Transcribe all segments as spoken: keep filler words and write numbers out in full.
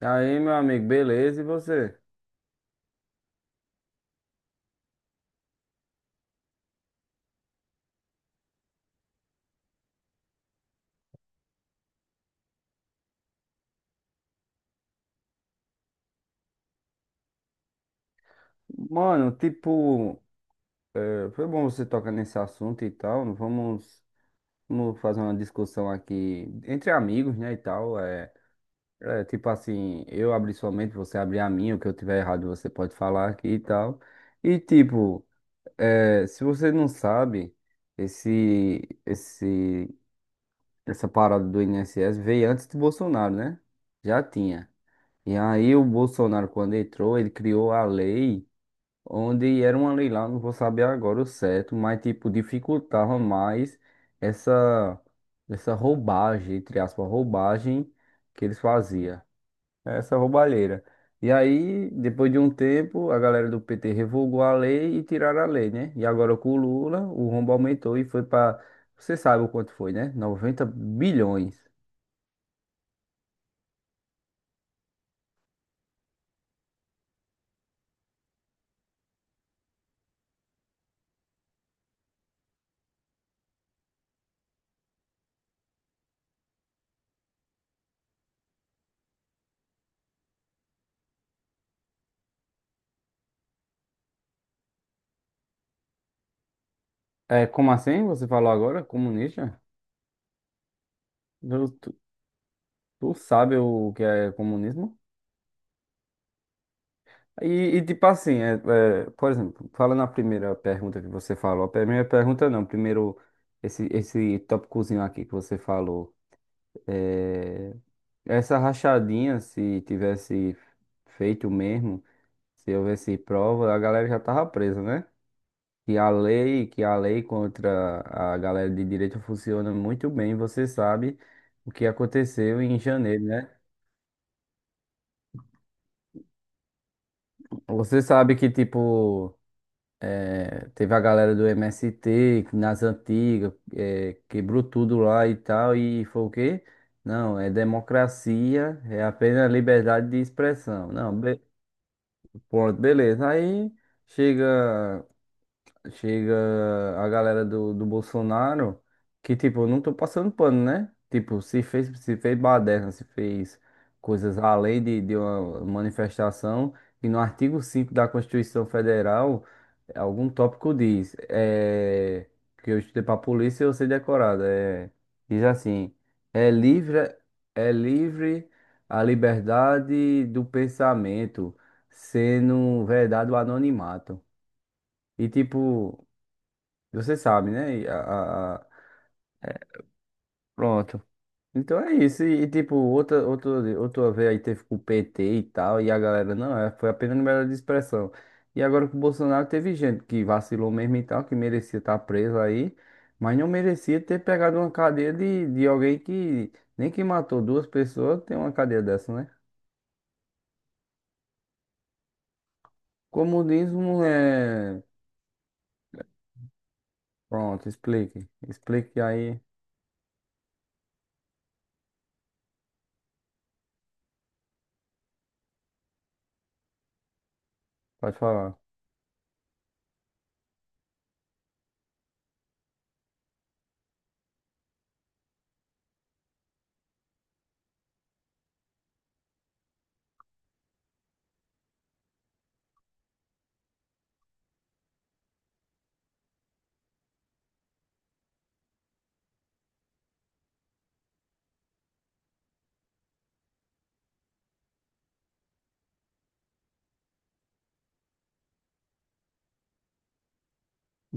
Aí, meu amigo, beleza? E você? Mano, tipo, é, foi bom você tocar nesse assunto e tal. Vamos, vamos fazer uma discussão aqui entre amigos, né? E tal. É, é, tipo assim, eu abri sua mente, você abrir a minha, o que eu tiver errado você pode falar aqui e tal. E tipo, é, se você não sabe, esse, esse, essa parada do inss veio antes do Bolsonaro, né? Já tinha. E aí o Bolsonaro, quando entrou, ele criou a lei, onde era uma lei lá, não vou saber agora o certo, mas tipo, dificultava mais essa, essa roubagem, entre aspas, roubagem que eles faziam, né, essa roubalheira. E aí, depois de um tempo, a galera do P T revogou a lei e tiraram a lei, né? E agora com o Lula, o rombo aumentou e foi para, você sabe o quanto foi, né? Noventa bilhões. É, como assim? Você falou agora, comunista? Tu, tu tu sabe o que é comunismo? E, e, tipo assim, é, é, por exemplo, fala na primeira pergunta que você falou. A primeira pergunta não, primeiro esse, esse tópicozinho aqui que você falou. É, essa rachadinha, se tivesse feito mesmo, se houvesse prova, a galera já tava presa, né? Que a lei, que a lei contra a galera de direita funciona muito bem, você sabe o que aconteceu em janeiro, né? Você sabe que, tipo. É, teve a galera do M S T que nas antigas, é, quebrou tudo lá e tal, e foi o quê? Não, é democracia, é apenas liberdade de expressão. Não, be- pronto, beleza. Aí chega chega a galera do, do Bolsonaro, que tipo, eu não tô passando pano, né? Tipo, se fez, se fez baderna, se fez coisas além de, de uma manifestação, e no artigo cinco da Constituição Federal, algum tópico diz, é, que eu estudei pra polícia e eu sei decorado, é, diz assim, é livre, é livre a liberdade do pensamento, sendo verdade o anonimato. E tipo, você sabe, né? E a- a- a- Pronto. Então é isso. E, e, tipo, outra, outra, outra vez aí teve com o P T e tal, e a galera, não, é, foi apenas liberdade de expressão. E agora com o Bolsonaro teve gente que vacilou mesmo e tal, que merecia estar preso aí, mas não merecia ter pegado uma cadeia de, de alguém que nem que matou duas pessoas tem uma cadeia dessa, né? Comunismo é. Pronto, explique. Explique aí, pode falar.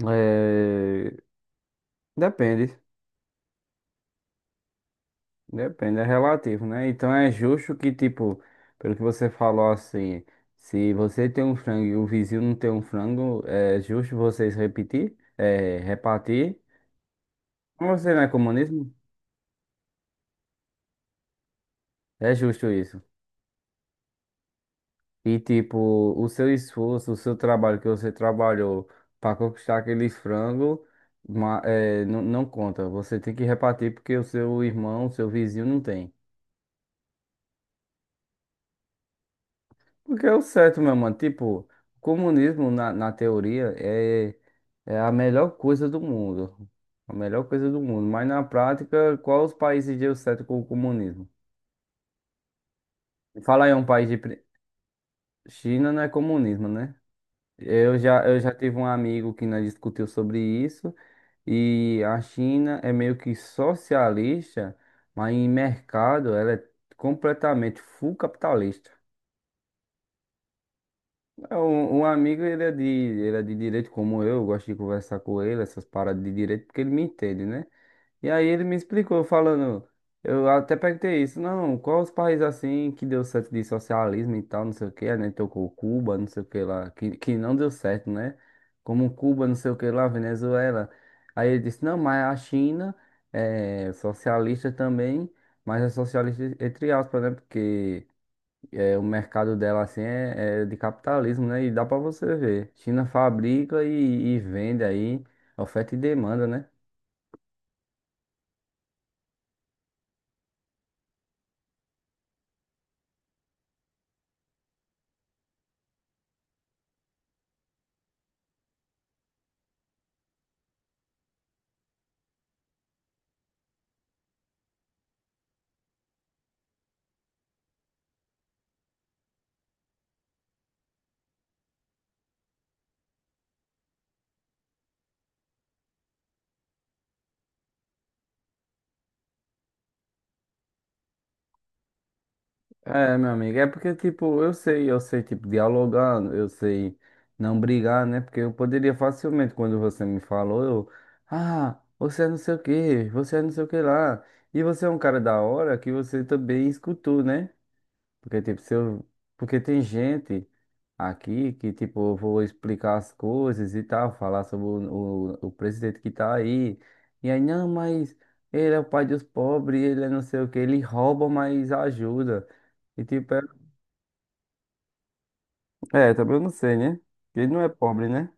É, depende. Depende, é relativo, né? Então é justo que, tipo, pelo que você falou assim, se você tem um frango e o vizinho não tem um frango, é justo vocês repetir, é, repartir. Mas você não é comunismo? É justo isso. E, tipo, o seu esforço, o seu trabalho que você trabalhou para conquistar aquele frango, ma- é, não, não conta. Você tem que repartir porque o seu irmão, o seu vizinho não tem. Porque é o certo, meu mano. Tipo, o comunismo, na, na teoria, é, é a melhor coisa do mundo. A melhor coisa do mundo. Mas na prática, qual os países deu certo com o comunismo? Fala aí um país de — pri- China não é comunismo, né? Eu já, eu já tive um amigo que nós discutiu sobre isso. E a China é meio que socialista, mas em mercado ela é completamente full capitalista. É, Um, um amigo, ele é de, ele é de direito como eu, eu gosto de conversar com ele, essas paradas de direito, porque ele me entende, né? E aí ele me explicou, falando, eu até perguntei isso, não, quais os países assim que deu certo de socialismo e tal, não sei o que, né? Tocou Cuba, não sei o que lá, que, que não deu certo, né? Como Cuba, não sei o que lá, Venezuela. Aí ele disse, não, mas a China é socialista também, mas é socialista entre aspas, né? Porque — É, o mercado dela assim é, é de capitalismo, né? E dá pra você ver. China fabrica e, e vende aí, oferta e demanda, né? É, meu amigo, é porque, tipo, eu sei, eu sei, tipo, dialogar, eu sei não brigar, né? Porque eu poderia facilmente, quando você me falou, eu, ah, você é não sei o quê, você é não sei o que lá. E você é um cara da hora que você também escutou, né? Porque, tipo, se eu... Porque tem gente aqui que, tipo, eu vou explicar as coisas e tal, falar sobre o, o, o presidente que tá aí. E aí, não, mas ele é o pai dos pobres, ele é não sei o que ele rouba, mas ajuda. E, tipo, é... É, também eu não sei, né? Ele não é pobre, né?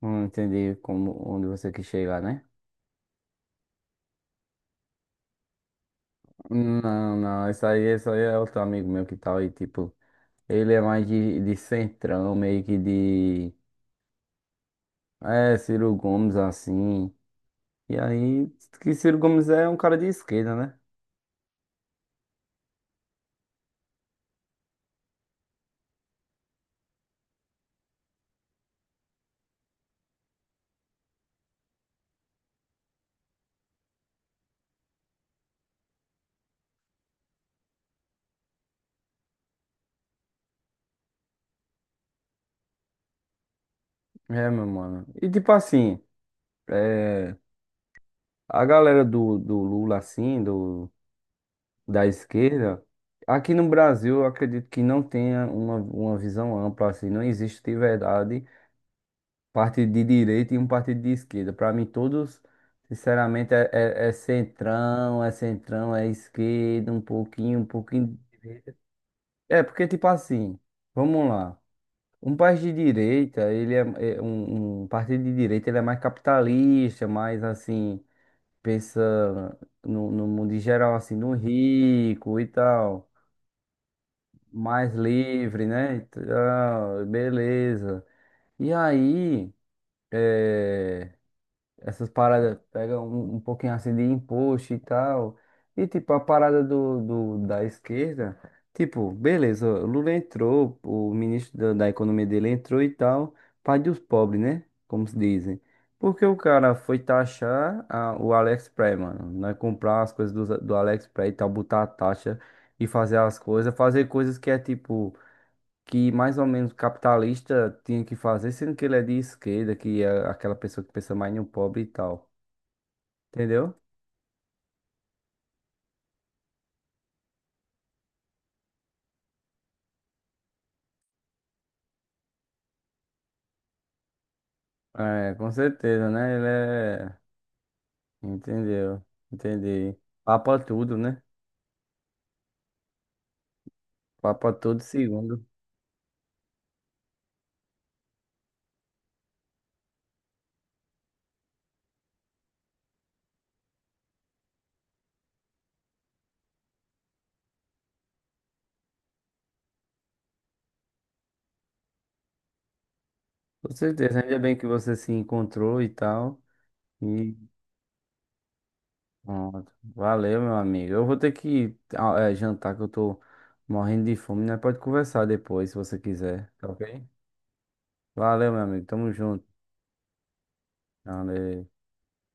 Não entendi como, onde você quis chegar, né? Não, não, isso aí, isso aí é outro amigo meu que tal, e tipo, ele é mais de, de centrão, meio que de, é, Ciro Gomes, assim. E aí, que Ciro Gomes é um cara de esquerda, né? É, meu mano. E tipo assim, é, a galera do, do Lula, assim, do, da esquerda, aqui no Brasil, eu acredito que não tenha uma, uma visão ampla, assim, não existe de verdade partido de direita e um partido de esquerda. Pra mim, todos, sinceramente, é, é, é centrão, é centrão, é esquerda, um pouquinho, um pouquinho. De direita. É, porque tipo assim, vamos lá. Um país de direita, ele é, é um, um partido de direita, ele é mais capitalista, mais assim, pensa no, no mundo em geral, assim, no rico e tal, mais livre, né? E tal, beleza. E aí, é, essas paradas pegam um, um pouquinho assim de imposto e tal. E tipo, a parada do, do- da esquerda, tipo, beleza, o Lula entrou, o ministro da, da economia dele entrou e tal, pai dos pobres, né? Como se dizem. Porque o cara foi taxar a- o AliExpress, mano, né? Comprar as coisas do, do AliExpress e tal, botar a taxa e fazer as coisas, fazer coisas que é tipo que mais ou menos capitalista tinha que fazer, sendo que ele é de esquerda, que é aquela pessoa que pensa mais no pobre e tal. Entendeu? É, com certeza, né? Ele é. Entendeu? Entendi. Papa tudo, né? Papa tudo segundo. Com certeza. Ainda bem que você se encontrou e tal. E pronto. Valeu, meu amigo. Eu vou ter que ah, é, jantar, que eu tô morrendo de fome, né? Pode conversar depois, se você quiser. Tá ok? Valeu, meu amigo. Tamo junto. Valeu.